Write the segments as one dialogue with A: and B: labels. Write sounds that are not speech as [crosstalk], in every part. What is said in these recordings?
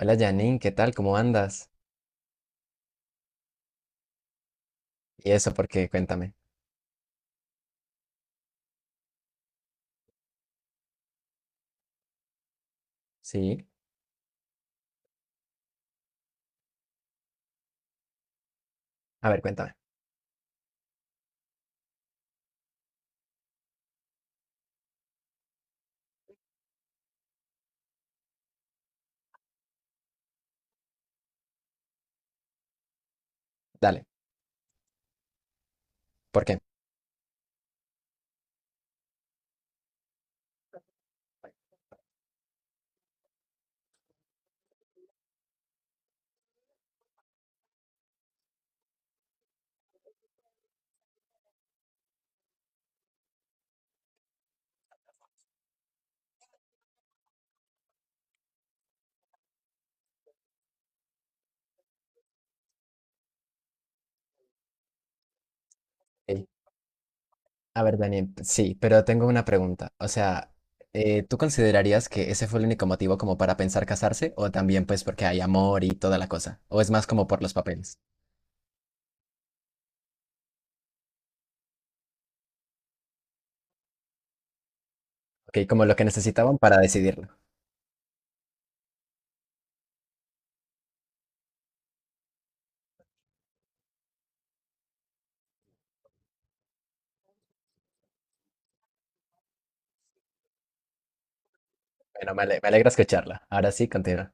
A: Hola Janine, ¿qué tal? ¿Cómo andas? Y eso, ¿por qué? Cuéntame. Sí. A ver, cuéntame. Dale. ¿Por qué? Ey. A ver, Daniel, sí, pero tengo una pregunta. O sea, ¿tú considerarías que ese fue el único motivo como para pensar casarse? ¿O también pues porque hay amor y toda la cosa? ¿O es más como por los papeles? Ok, como lo que necesitaban para decidirlo. Bueno, me alegra escucharla. Ahora sí, continúa.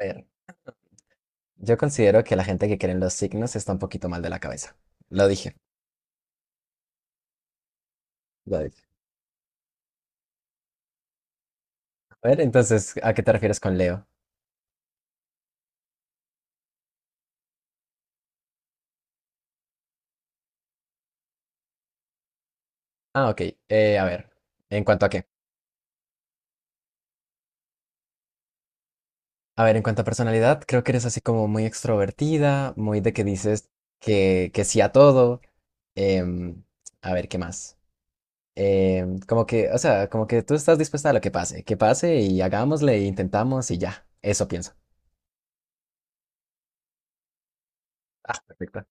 A: A ver, yo considero que la gente que cree en los signos está un poquito mal de la cabeza. Lo dije. Lo dije. A ver, entonces, ¿a qué te refieres con Leo? Ah, ok. A ver, ¿en cuanto a qué? A ver, en cuanto a personalidad, creo que eres así como muy extrovertida, muy de que dices que sí a todo. em, a ver, ¿qué más? Em, como que, o sea, como que tú estás dispuesta a lo que pase y hagámosle, e intentamos y ya. Eso pienso. Ah, perfecto.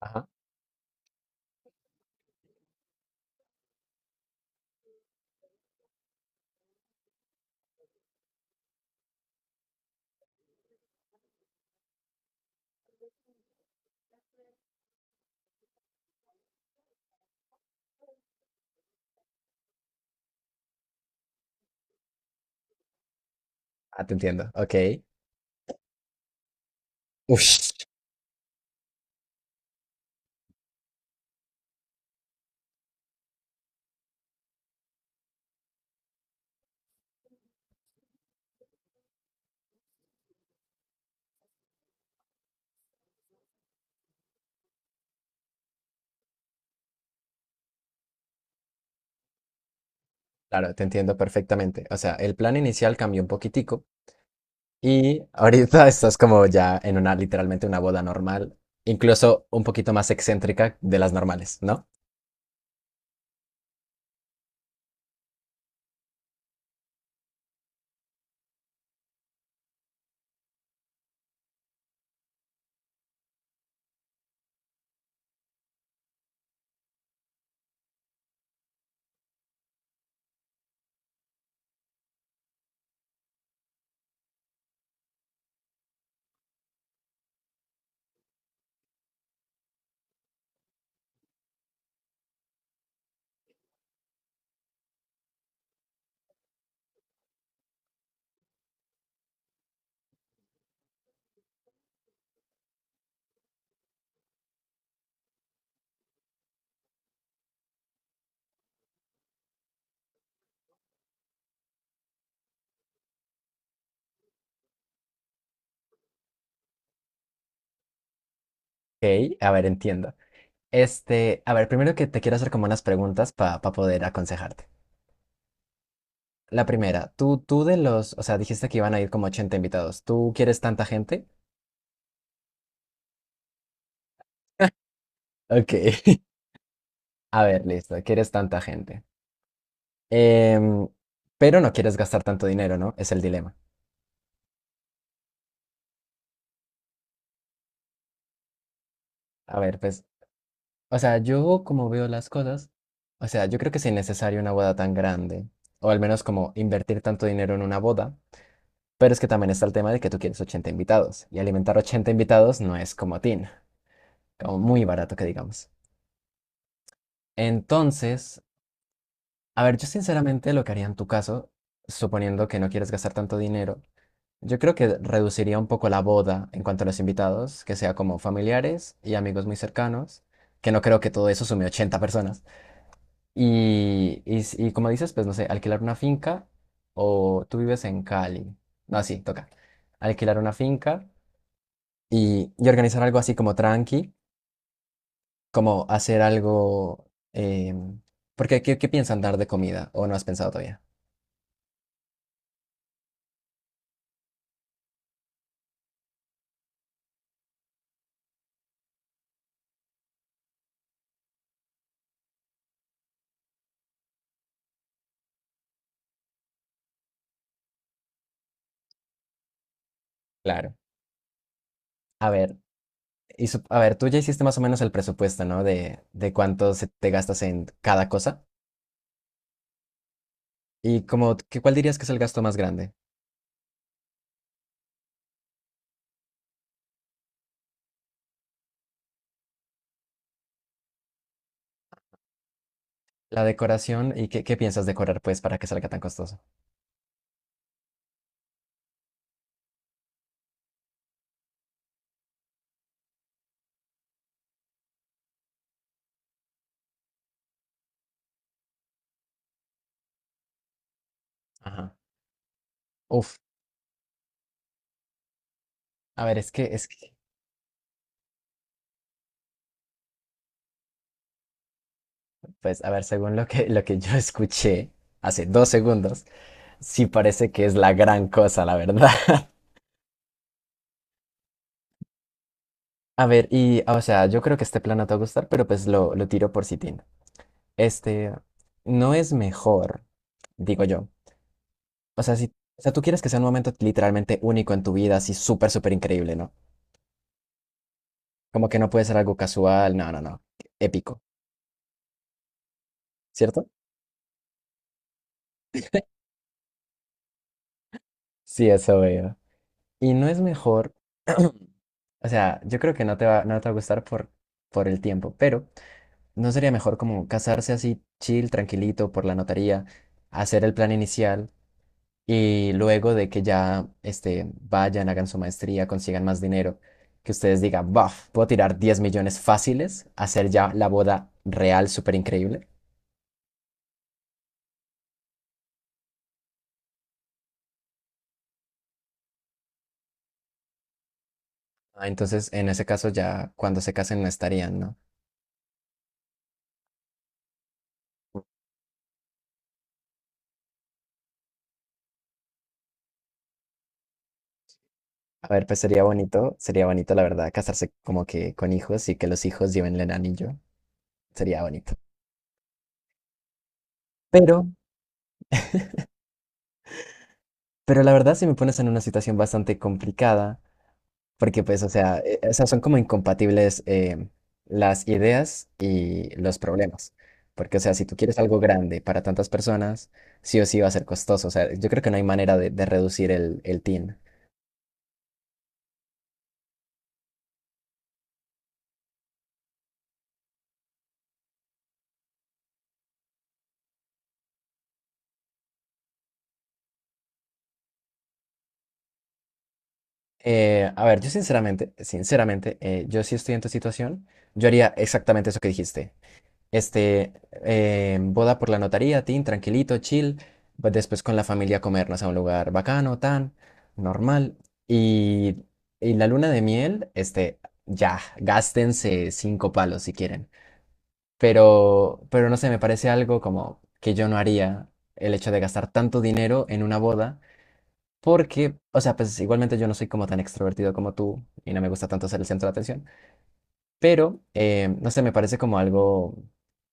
A: Ajá. Ah, te entiendo. Ok. Ush. Claro, te entiendo perfectamente. O sea, el plan inicial cambió un poquitico. Y ahorita [laughs] estás como ya en una, literalmente una boda normal, incluso un poquito más excéntrica de las normales, ¿no? Ok, a ver, entiendo. Este, a ver, primero que te quiero hacer como unas preguntas para poder aconsejarte. La primera, tú de los, o sea, dijiste que iban a ir como 80 invitados. ¿Tú quieres tanta gente? Ok. [laughs] A ver, listo, quieres tanta gente. Em, pero no quieres gastar tanto dinero, ¿no? Es el dilema. A ver, pues, o sea, yo como veo las cosas, o sea, yo creo que si es innecesario una boda tan grande, o al menos como invertir tanto dinero en una boda, pero es que también está el tema de que tú quieres 80 invitados, y alimentar 80 invitados no es como tin, como muy barato que digamos. Entonces, a ver, yo sinceramente lo que haría en tu caso, suponiendo que no quieres gastar tanto dinero, yo creo que reduciría un poco la boda en cuanto a los invitados, que sea como familiares y amigos muy cercanos, que no creo que todo eso sume 80 personas. Y como dices, pues no sé, alquilar una finca o tú vives en Cali. No, sí, toca. Alquilar una finca y organizar algo así como tranqui, como hacer algo... em, porque, ¿qué piensan dar de comida? ¿O no has pensado todavía? Claro. A ver, y sup- a ver, tú ya hiciste más o menos el presupuesto, ¿no? De cuánto se te gastas en cada cosa. Y como, qué ¿cuál dirías que es el gasto más grande? La decoración y ¿qué piensas decorar, pues, para que salga tan costoso? Ajá. Uf. A ver, pues, a ver, según lo que yo [laughs] escuché hace 2 segundos, sí parece que es la gran cosa, la verdad. [laughs] A ver, y, o sea, yo creo que este plan no te va a gustar, pero pues lo tiro por Sitín. Este, ¿no es mejor, digo yo? O sea, si, o sea, tú quieres que sea un momento literalmente único en tu vida, así súper, súper increíble, ¿no? Como que no puede ser algo casual, no, épico, ¿cierto? Sí, eso veo. Y ¿no es mejor, o sea, yo creo que no te va a gustar por el tiempo, pero ¿no sería mejor como casarse así chill, tranquilito, por la notaría, hacer el plan inicial y luego de que ya este, vayan, hagan su maestría, consigan más dinero, que ustedes digan, buf, puedo tirar 10 millones fáciles, hacer ya la boda real súper increíble? Ah, entonces, en ese caso ya cuando se casen no estarían, ¿no? A ver, pues sería bonito la verdad casarse como que con hijos y que los hijos lleven el anillo, sería bonito. Pero, pero la verdad si me pones en una situación bastante complicada. Porque pues, o sea, e- esas son como incompatibles em, las ideas y los problemas. Porque, o sea, si tú quieres algo grande para tantas personas, sí o sí va a ser costoso. O sea, yo creo que no hay manera de reducir el TIN. A ver, yo sinceramente, sinceramente, yo sí estoy en tu situación, yo haría exactamente eso que dijiste. Este, boda por la notaría, tin, tranquilito, chill. Pues después con la familia comernos a un lugar bacano, tan, normal. Y, y la luna de miel, este, ya, gástense 5 palos si quieren. Pero no sé, me parece algo como que yo no haría el hecho de gastar tanto dinero en una boda. Porque, o sea, pues igualmente yo no soy como tan extrovertido como tú y no me gusta tanto ser el centro de atención. Pero, no sé, me parece como algo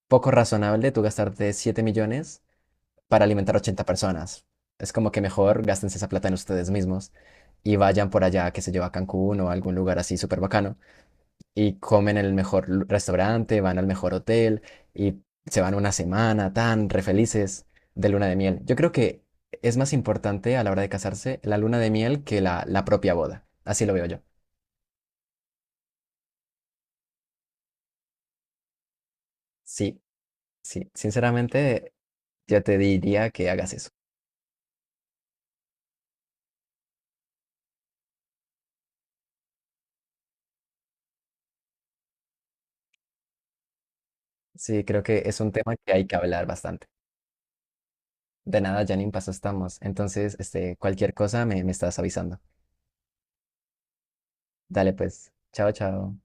A: poco razonable tú gastarte 7 millones para alimentar 80 personas. Es como que mejor gástense esa plata en ustedes mismos y vayan por allá, qué sé yo, a Cancún o a algún lugar así súper bacano y comen en el mejor lu- restaurante, van al mejor hotel y se van una semana tan re felices de luna de miel. Yo creo que es más importante a la hora de casarse la luna de miel que la propia boda. Así lo veo yo. Sí, sí, sinceramente yo te diría que hagas eso. Sí, creo que es un tema que hay que hablar bastante. De nada, Janine, paso estamos. Entonces, este, cualquier cosa me, me estás avisando. Dale pues. Chao, chao.